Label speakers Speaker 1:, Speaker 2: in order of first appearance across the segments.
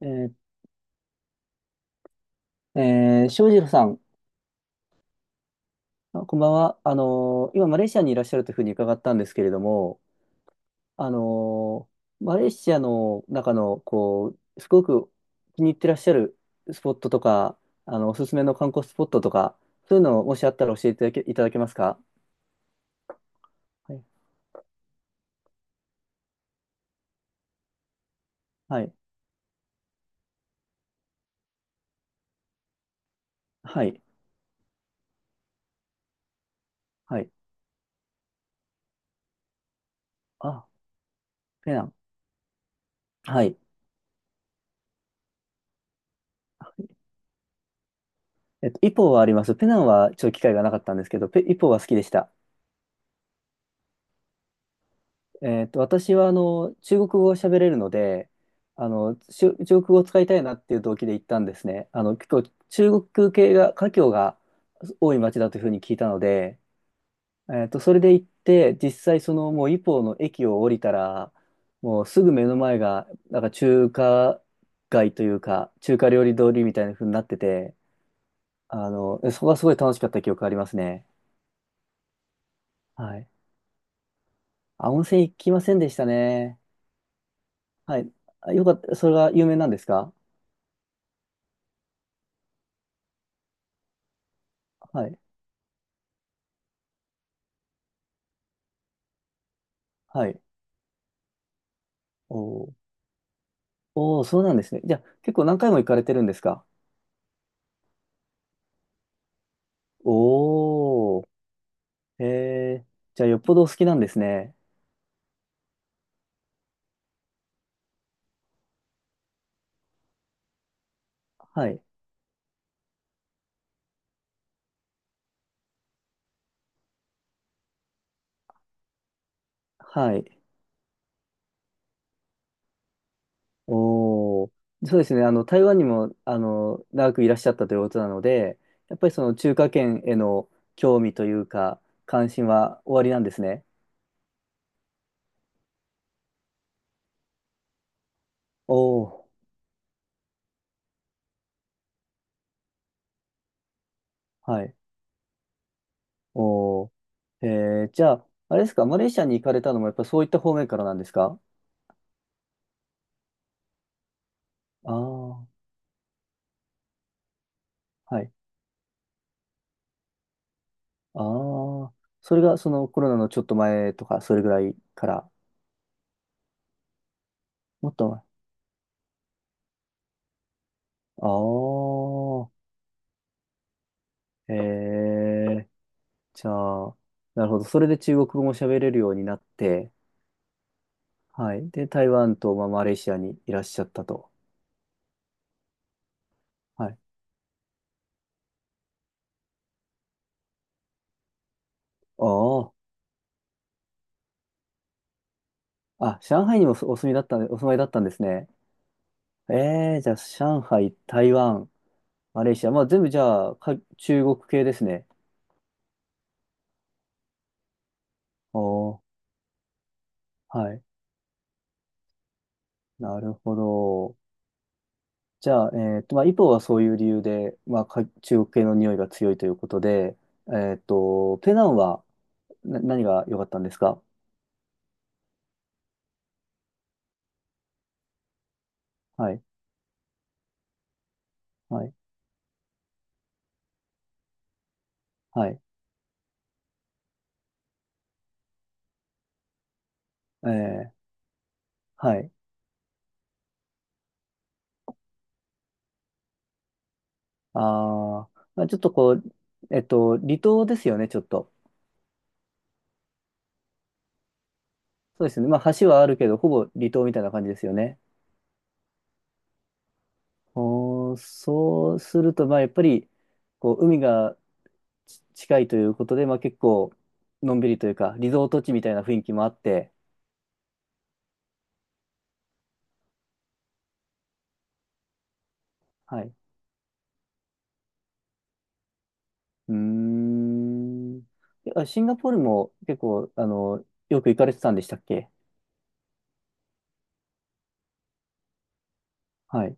Speaker 1: え翔士郎さん、あこんばんは。今、マレーシアにいらっしゃるというふうに伺ったんですけれども、あのーマレーシアの中の、こう、すごく気に入ってらっしゃるスポットとか、あの、おすすめの観光スポットとか、そういうのをもしあったら教えていただけ、いただけますか？はい。はい。はい。はい。あ、ペナン。はい。えっと、イポはあります。ペナンはちょっと機会がなかったんですけど、イポは好きでした。えっと、私はあの中国語を喋れるので、あの中国語を使いたいなっていう動機で行ったんですね。あの結構中国系が華僑が多い町だというふうに聞いたので、えっと、それで行って実際そのもうイポーの駅を降りたらもうすぐ目の前がなんか中華街というか中華料理通りみたいなふうになってて、あのそこがすごい楽しかった記憶がありますね。はい。あ、温泉行きませんでしたね。はい。あよかった。それが有名なんですか？はい。はい。おーおー、そうなんですね。じゃあ、結構何回も行かれてるんですか？おー。へえ。じゃあ、よっぽどお好きなんですね。はい。はい。おー。そうですね。あの、台湾にも、あの、長くいらっしゃったということなので、やっぱりその中華圏への興味というか、関心はおありなんですね。おおはい。おー。えー、じゃあ、あれですか、マレーシアに行かれたのも、やっぱそういった方面からなんですか？ああー。はい、ああ、それがそのコロナのちょっと前とか、それぐらいから、もっと前。ああ、へえ、じゃあ、なるほど。それで中国語も喋れるようになって、はい。で、台湾と、まあ、マレーシアにいらっしゃったと。はい。ああ、あ、上海にもおお住みだったんで、お住まいだったんですね。ええ、じゃあ、上海、台湾、マレーシア、まあ、全部じゃあ、中国系ですね。おー、はい。なるほど。じゃあ、えっと、まあ、イポはそういう理由で、まあ、中国系の匂いが強いということで、えっと、ペナンは何が良かったんですか？はい、はい、はい、えー、はい。あー、まあ、ちょっとこう、えっと、離島ですよね、ちょっと。そうですね。まあ、橋はあるけど、ほぼ離島みたいな感じですよね。おー、そうすると、まあ、やっぱり、こう、海がち近いということで、まあ、結構、のんびりというか、リゾート地みたいな雰囲気もあって、はい、うーん。あ、シンガポールも結構、あの、よく行かれてたんでしたっけ？はい。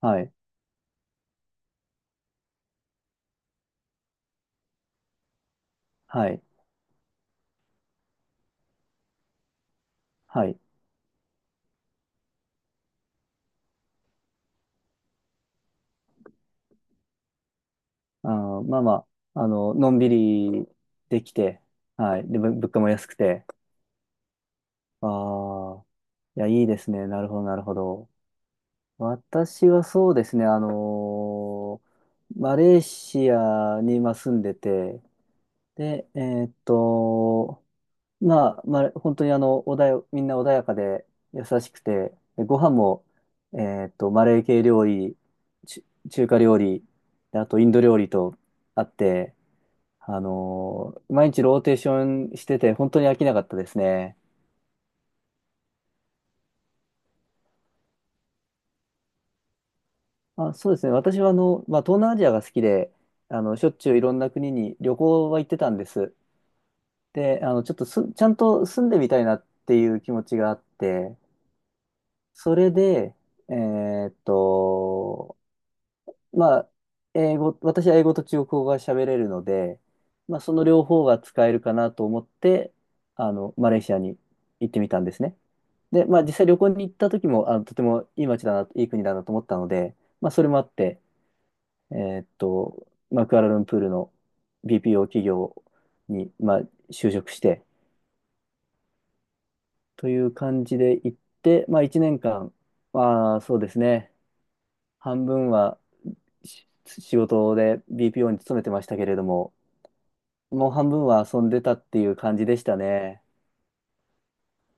Speaker 1: はい。はい。はい。あー、まあまあ、あの、のんびりできて、はい。で、物価も安くて。ああ、いや、いいですね。なるほど、なるほど。私はそうですね、マレーシアに今住んでて、で、ーっと、まあ、まあ、本当にあの、みんな穏やかで優しくて、でご飯も、えーっと、マレー系料理、ち中華料理、であとインド料理とあって、毎日ローテーションしてて、本当に飽きなかったですね。あ、そうですね。私はあの、まあ、東南アジアが好きで、あの、しょっちゅういろんな国に旅行は行ってたんです。で、あの、ちょっとす、ちゃんと住んでみたいなっていう気持ちがあって、それで、えーっと、まあ、私は英語と中国語が喋れるので、まあ、その両方が使えるかなと思って、あの、マレーシアに行ってみたんですね。で、まあ、実際旅行に行った時も、あの、とてもいい街だな、いい国だなと思ったので、まあ、それもあって、えーっと、まあ、クアラルンプールの BPO 企業に、まあ、就職して、という感じで行って、まあ、1年間、まあ、そうですね、半分は仕事で BPO に勤めてましたけれども、もう半分は遊んでたっていう感じでしたね。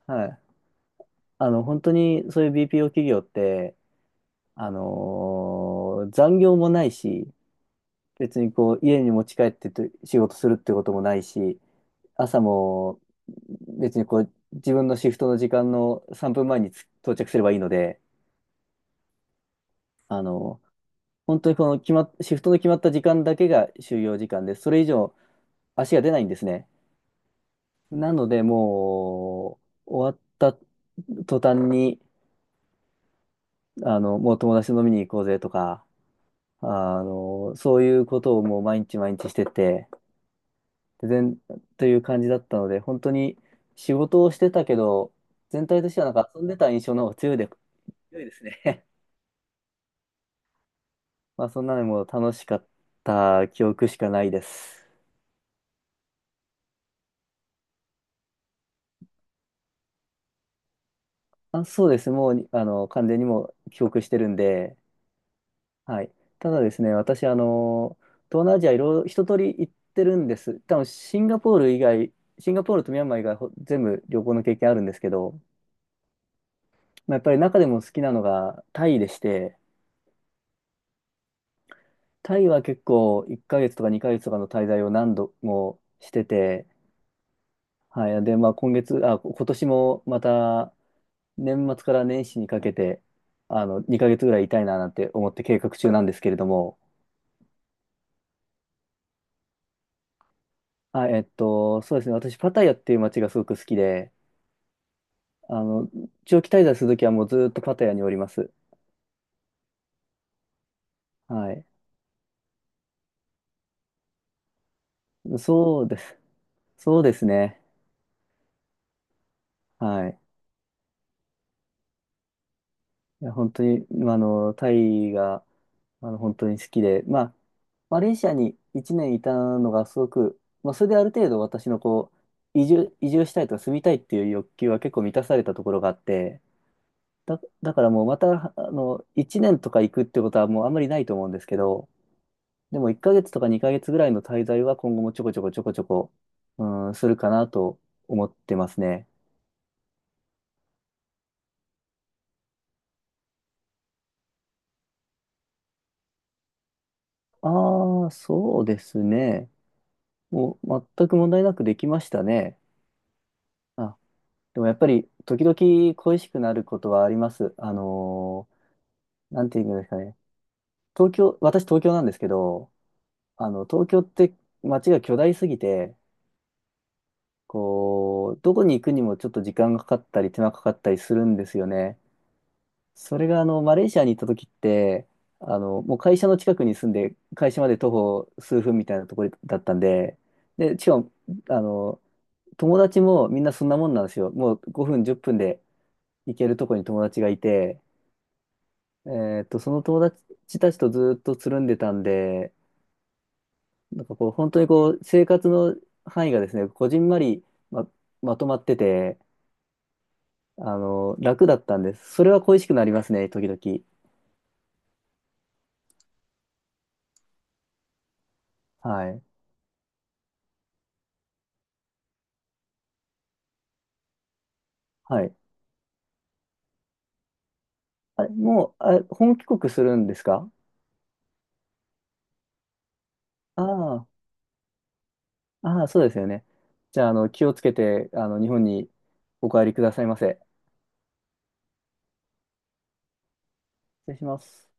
Speaker 1: はい。あの、本当にそういう BPO 企業って、あのー残業もないし、別にこう、家に持ち帰ってと仕事するってこともないし、朝も別にこう、自分のシフトの時間の3分前に到着すればいいので、あの、本当にこの決まっ、シフトの決まった時間だけが就業時間で、それ以上足が出ないんですね。なので、もう、終わった途端に、あの、もう友達と飲みに行こうぜとか、あの、そういうことをもう毎日毎日してて、で全、という感じだったので、本当に仕事をしてたけど、全体としてはなんか遊んでた印象の方が強いですね。まあ、そんなのもう楽しかった記憶しかないです。あ、そうです。もう、あの、完全にもう記憶してるんで、はい。ただですね、私、あの、東南アジアいろいろ一通り行ってるんです。多分シンガポール以外、シンガポールとミャンマー以外、全部旅行の経験あるんですけど、まあ、やっぱり中でも好きなのがタイでして、タイは結構1ヶ月とか2ヶ月とかの滞在を何度もしてて、はい。で、まあ今月、あ、今年もまた年末から年始にかけて、あの、2ヶ月ぐらいいたいななんて思って計画中なんですけれども、あ、えっと、そうですね。私、パタヤっていう街がすごく好きで、あの、長期滞在するときはもうずっとパタヤにおります。はい。そうです。そうですね。はい。いや、本当に、まあの、タイが、まあの、本当に好きで、まあ、マレーシアに1年いたのがすごく、まあ、それである程度私のこう、移住したいとか住みたいっていう欲求は結構満たされたところがあって、だからもうまた、あの、1年とか行くってことはもうあんまりないと思うんですけど、でも1ヶ月とか2ヶ月ぐらいの滞在は今後もちょこちょこ、うん、するかなと思ってますね。ああ、そうですね。もう全く問題なくできましたね。あ、でもやっぱり時々恋しくなることはあります。なんていうんですかね。私東京なんですけど、あの、東京って街が巨大すぎて、こう、どこに行くにもちょっと時間がかかったり手間かかったりするんですよね。それがあのマレーシアに行った時ってあのもう会社の近くに住んで会社まで徒歩数分みたいなところだったんで、でしかもあの友達もみんなそんなもんなんですよ、もう5分10分で行けるとこに友達がいて、その友達たちとずっとつるんでたんで、なんかこう本当にこう生活の範囲がですねこじんまりま、まとまってて、あの楽だったんです、それは恋しくなりますね時々、はい、はい、あ、もう、あ、本帰国するんですか？ああ、ああ、そうですよね。じゃあ、あの、気をつけて、あの、日本にお帰りくださいませ。失礼します。